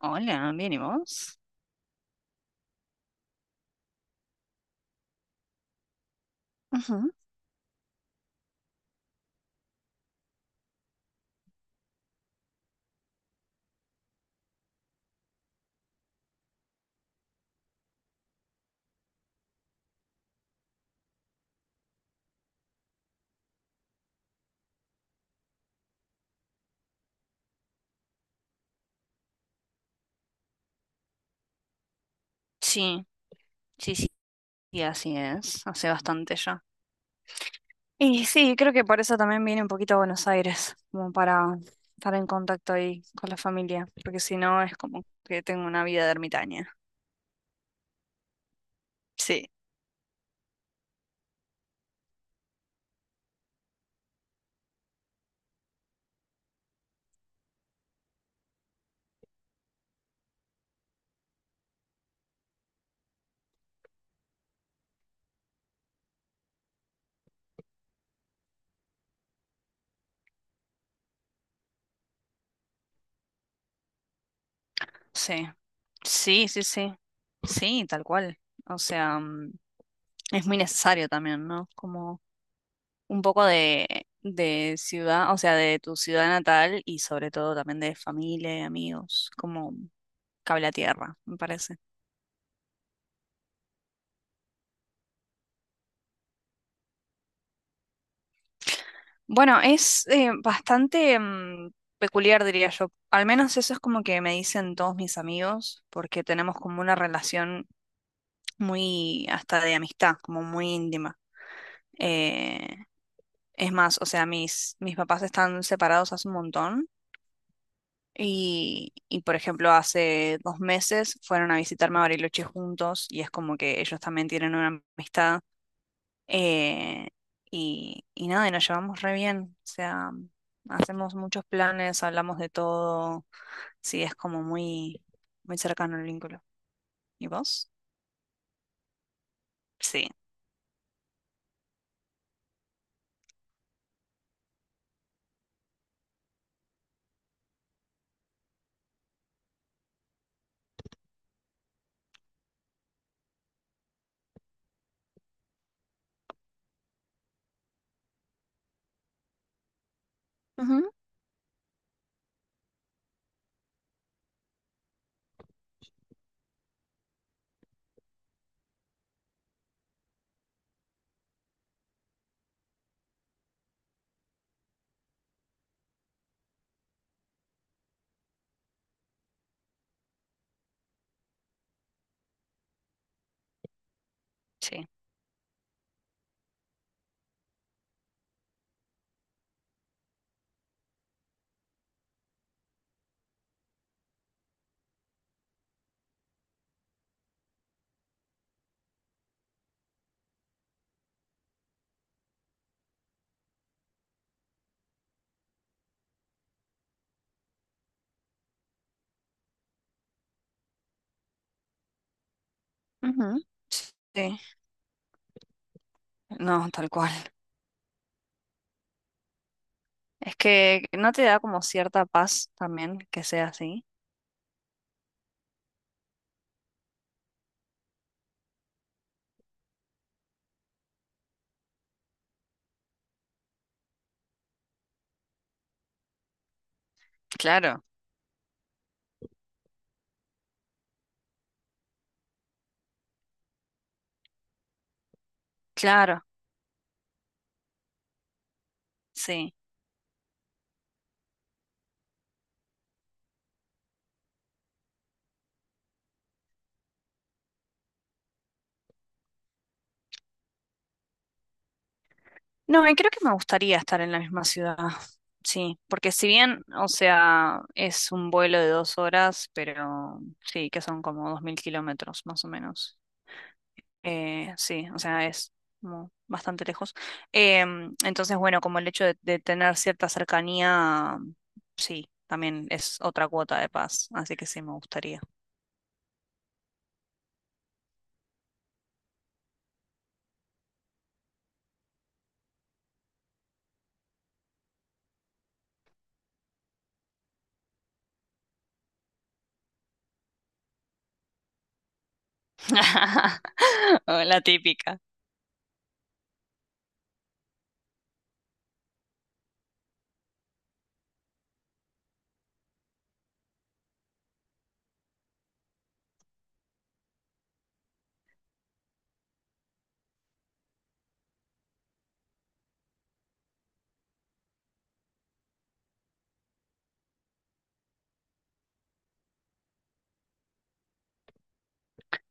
Hola, bien, ¿y vos? Ujú. Sí, sí, sí, sí, así es. Hace bastante ya. Y sí, creo que por eso también viene un poquito a Buenos Aires, como para estar en contacto ahí con la familia, porque si no es como que tengo una vida de ermitaña. Sí, sí, sí, sí, sí. Sí, tal cual. O sea, es muy necesario también, ¿no? Como un poco de ciudad, o sea, de tu ciudad natal y sobre todo también de familia y amigos. Como cable a tierra, me parece. Bueno, es bastante peculiar, diría yo. Al menos eso es como que me dicen todos mis amigos, porque tenemos como una relación muy, hasta de amistad, como muy íntima. Eh, es más, o sea, mis papás están separados hace un montón y, por ejemplo, hace 2 meses fueron a visitarme a Bariloche juntos y es como que ellos también tienen una amistad. Eh, y nada, y nos llevamos re bien. O sea, hacemos muchos planes, hablamos de todo. Sí, es como muy, muy cercano el vínculo. ¿Y vos? Sí. Ujú. Sí. Ujú. Sí. No, tal cual. Es que no te da como cierta paz también que sea así. Claro. Claro, sí. No, y creo que me gustaría estar en la misma ciudad. Sí, porque si bien, o sea, es un vuelo de 2 horas, pero sí, que son como 2.000 kilómetros más o menos. Sí, o sea, es como bastante lejos. Entonces, bueno, como el hecho de tener cierta cercanía, sí, también es otra cuota de paz, así que sí, me gustaría. O la típica.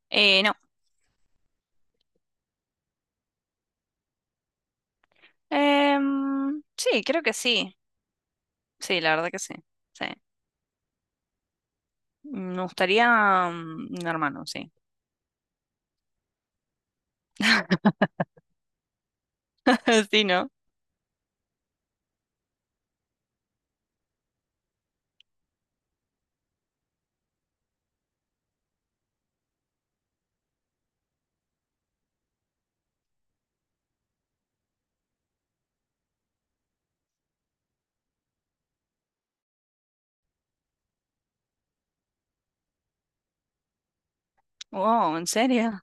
No, sí, creo que sí. Sí, la verdad que sí. Sí. Me gustaría un hermano, sí. Sí, ¿no? Wow, ¿en serio?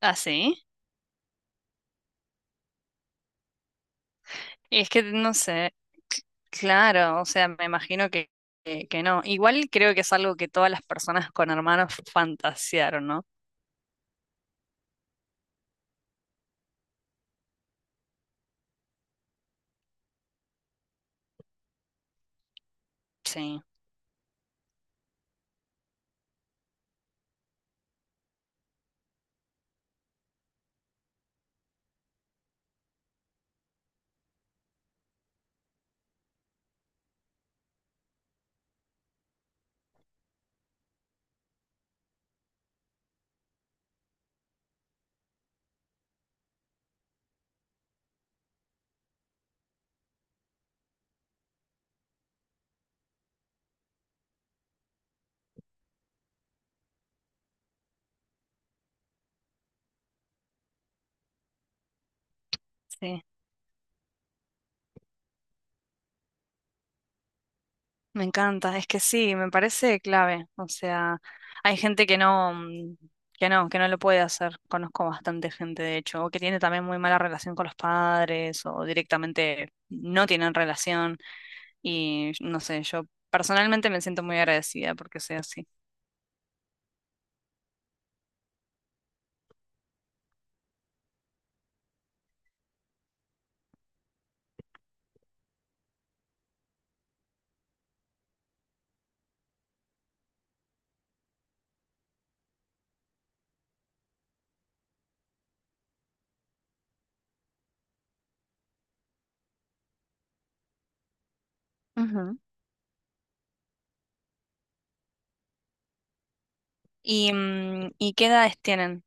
¿Ah, sí? Y es que no sé, c- claro, o sea, me imagino que no. Igual creo que es algo que todas las personas con hermanos fantasearon, ¿no? Sí, sí, me encanta, es que sí, me parece clave. O sea, hay gente que no lo puede hacer. Conozco bastante gente, de hecho, o que tiene también muy mala relación con los padres, o directamente no tienen relación. Y no sé, yo personalmente me siento muy agradecida porque sea así. Ujú. ¿Y qué edades tienen?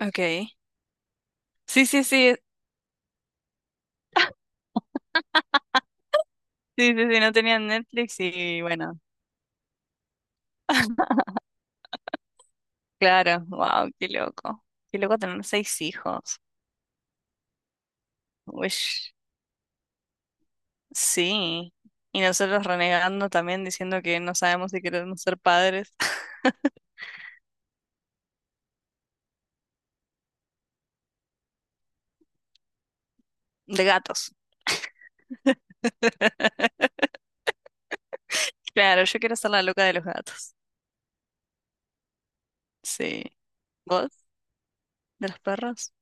Ok. Sí, sí, sí, sí, sí, sí, no tenían Netflix y bueno, claro, wow, qué loco. Qué loco tener seis hijos. Uish, sí. Y nosotros renegando también diciendo que no sabemos si queremos ser padres de gatos. Claro, yo quiero ser la loca de los gatos. Sí. ¿Vos? ¿De los perros?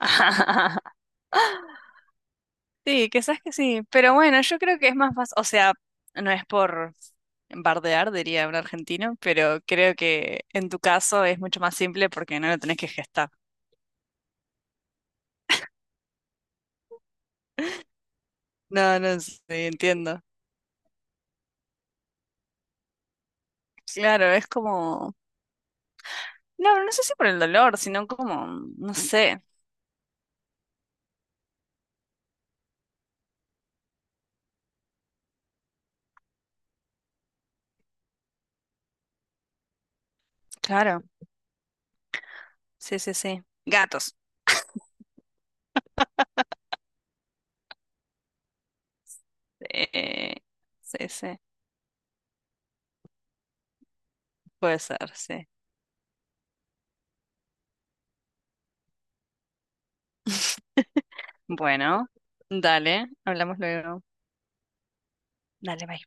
Sí, quizás que sí, pero bueno, yo creo que es más fácil, o sea, no es por bardear, diría un argentino, pero creo que en tu caso es mucho más simple porque no lo tenés que gestar. No, no, sí, entiendo. Claro, es como, no, no sé si por el dolor, sino como, no sé, claro, sí, sí, sí. Gatos. Eh, sí, sí, puede ser, sí. Bueno, dale, hablamos luego. Dale, bye.